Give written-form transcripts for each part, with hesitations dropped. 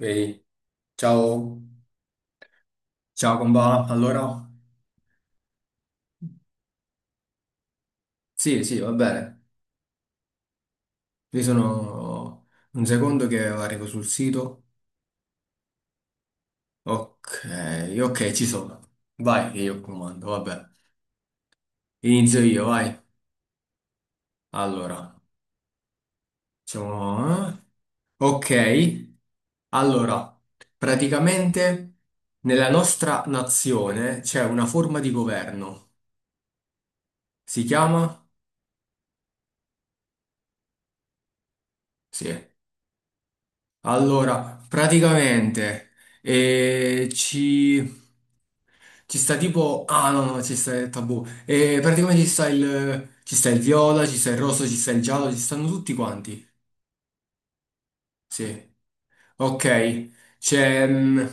Vedi? Ciao, ciao Comba. Allora, sì, sì, va bene. Io sono un secondo che arrivo sul sito. Ok, ok, ci sono. Vai, che io comando, va bene. Inizio io, vai. Allora, facciamo, eh? Ok, allora, praticamente nella nostra nazione c'è una forma di governo. Si chiama? Sì. Allora, praticamente eh, ci, ci sta tipo. Ah, no, no, ci sta il tabù. Praticamente ci sta il viola, ci sta il rosso, ci sta il giallo, ci stanno tutti quanti. Sì. Ok, c'è mm,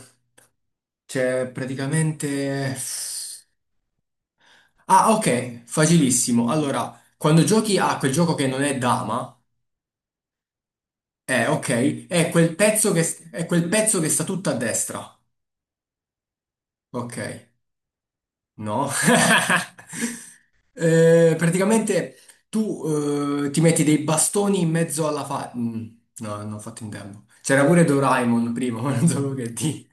c'è praticamente. Ah, ok, facilissimo. Allora, quando giochi a quel gioco che non è dama, ok, è è quel pezzo che sta tutto a destra. Ok. No. Praticamente tu ti metti dei bastoni in mezzo alla fa... Mm, no, non ho fatto in tempo. C'era pure Doraemon prima, ma non so che di.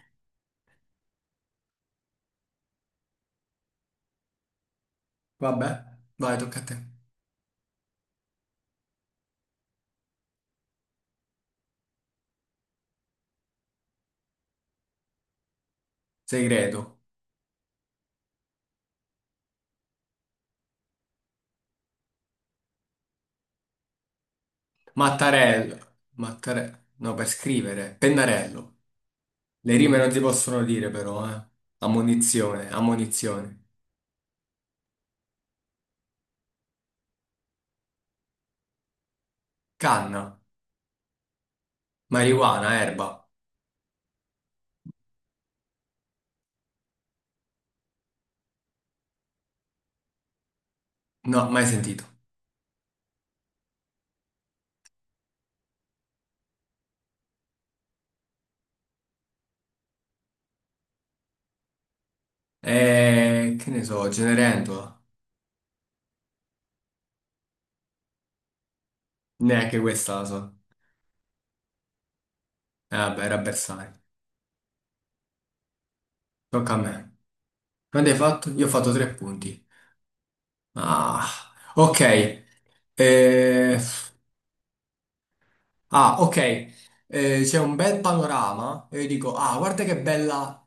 Vabbè, vai, tocca a te. Segreto. Mattarello. Mattarello. No, per scrivere. Pennarello. Le rime non si possono dire però, eh. Ammonizione, ammonizione. Canna. Marijuana, erba. No, mai sentito. Che ne so, Cenerentola. Neanche questa la so. Vabbè, era bersaglio. Tocca a me. Quanti hai fatto? Io ho fatto tre punti. Ah, ok. Eh, ah, ok. C'è un bel panorama. E io dico, ah, guarda che bella.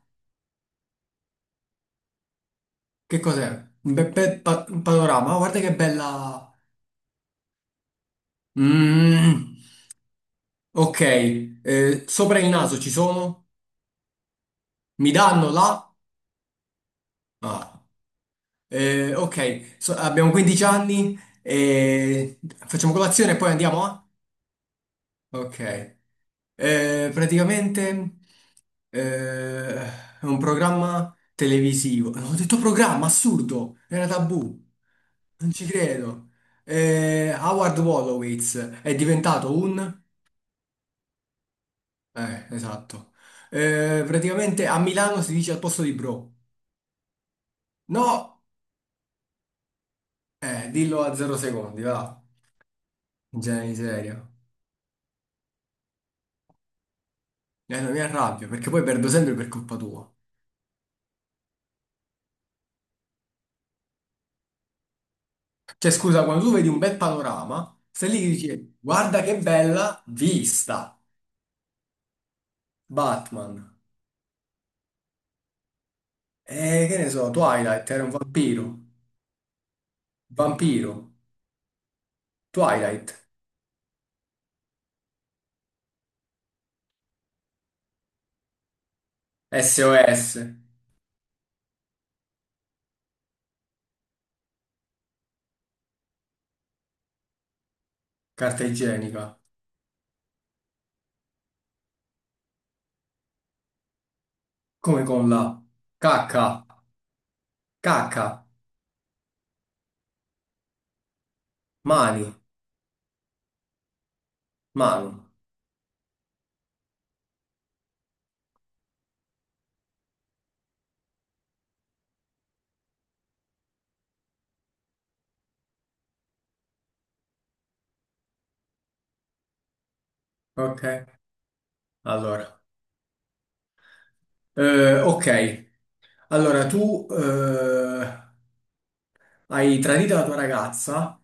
Che cos'è? Un panorama. Ah, guarda che bella. Mm, ok. Sopra il naso ci sono? Mi danno la? Ah. Ok. Abbiamo 15 anni. E facciamo colazione e poi andiamo a? Ok. Praticamente è un programma televisivo. No, ho detto programma, assurdo! Era tabù. Non ci credo. Howard Wolowitz è diventato un. Esatto. Praticamente a Milano si dice al posto di bro. No! Dillo a 0 secondi, va. Genere di serio. Non mi arrabbio, perché poi perdo sempre per colpa tua. Cioè, scusa, quando tu vedi un bel panorama, stai lì che dici, guarda che bella vista. Batman. E che ne so, Twilight era un vampiro. Vampiro. Twilight. SOS. Carta igienica. Come con la cacca. Cacca. Mani. Mano. Ok, allora. Ok, allora hai tradito la tua ragazza,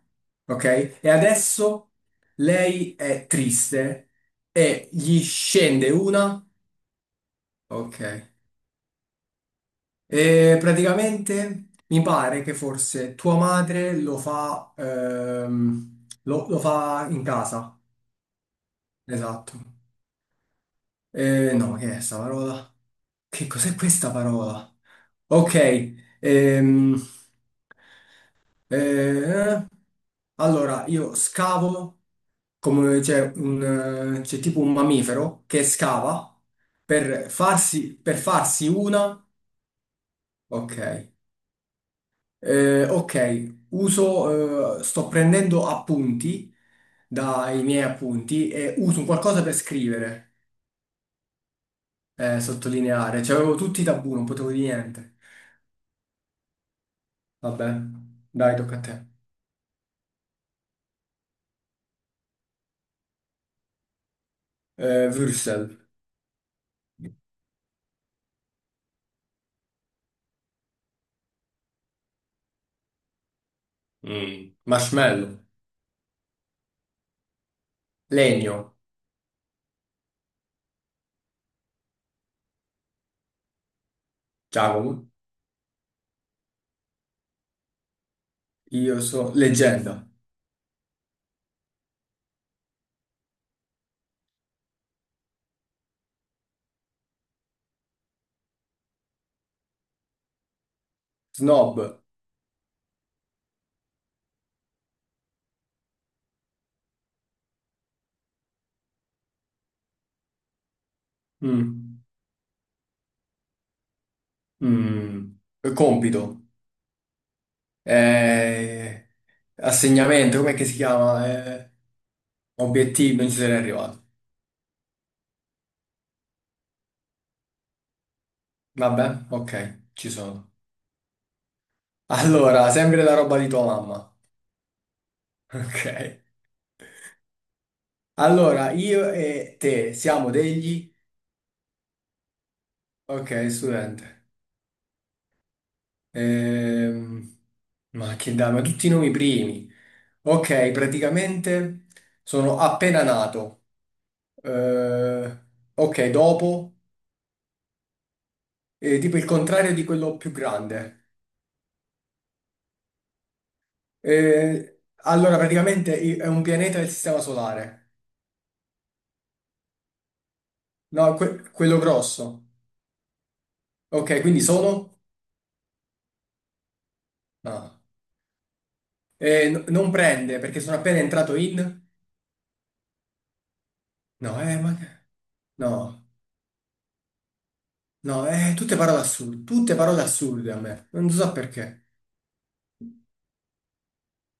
ok? E adesso lei è triste e gli scende una, ok? E praticamente mi pare che forse tua madre lo fa, lo fa in casa, esatto. No, che è sta parola? Che cos'è questa parola? Ok, ehm, eh, allora io scavo. Come c'è tipo un mammifero che scava per farsi, una. Ok. Ok, sto prendendo appunti dai miei appunti e uso un qualcosa per scrivere, sottolineare. Cioè, avevo tutti i tabù, non potevo dire niente. Vabbè, dai, tocca a te. Würsel. Mm. Marshmallow. Legno. Giacomo. Io sono leggenda. Snob. Mm. Mm, Compito, eh, assegnamento, com'è che si chiama? Obiettivo, non ci sarei arrivato. Vabbè, ok, ci sono. Allora, sempre la roba di tua mamma. Ok. Allora, io e te siamo degli. Ok, studente. Ehm, ma che dai, ma tutti i nomi primi. Ok, praticamente sono appena nato. Eh, ok, dopo, tipo il contrario di quello più grande. Allora, praticamente è un pianeta del Sistema Solare. No, quello grosso. Ok, quindi sono? No. Non prende perché sono appena entrato in. No, No, no, tutte parole assurde. Tutte parole assurde a me. Non so perché.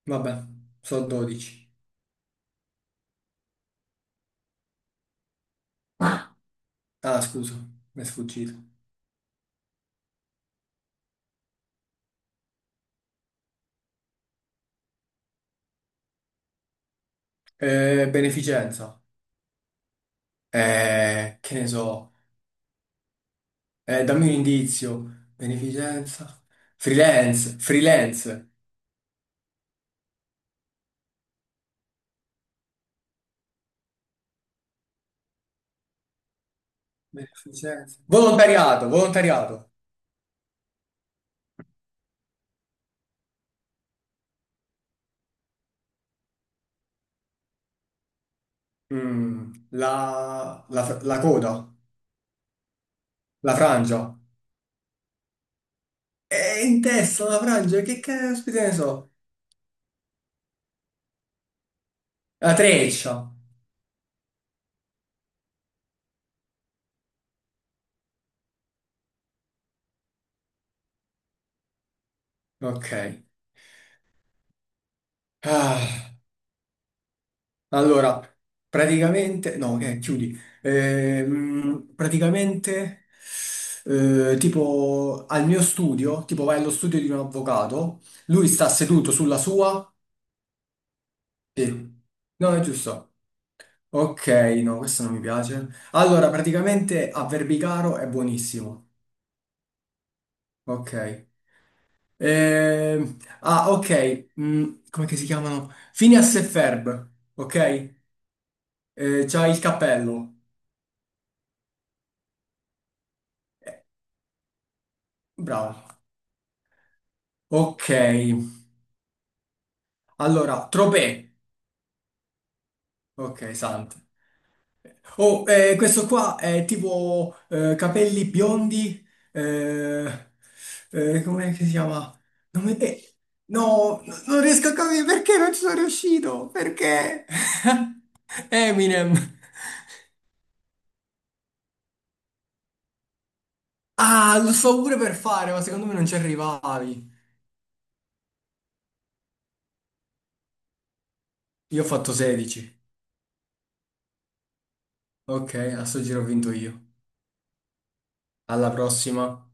Vabbè, sono 12. Ah, scusa, mi è sfuggito. Beneficenza. Che ne so. Dammi un indizio. Beneficenza. Freelance, freelance. Beneficenza. Volontariato, volontariato. La coda. La frangia. È in testa la frangia, che caspita ne so. La treccia. Ok. Ah, allora, praticamente. No, ok, chiudi. Praticamente, tipo, al mio studio, tipo vai allo studio di un avvocato. Lui sta seduto sulla sua. Sì. No, è giusto. Ok, no, questo non mi piace. Allora, praticamente a Verbicaro è buonissimo. Ok. Ah, ok. Come che si chiamano? Phineas e Ferb. Ok? C'ha il cappello. Eh, Bravo. Ok. Allora, Tropé. Ok, santo. Oh, questo qua è tipo, capelli biondi, eh, come si chiama? Non mi- no, n- non riesco a capire perché non ci sono riuscito, perché? Eminem. Ah, lo sto pure per fare, ma secondo me non ci arrivavi. Io ho fatto 16. Ok, a sto giro ho vinto io. Alla prossima.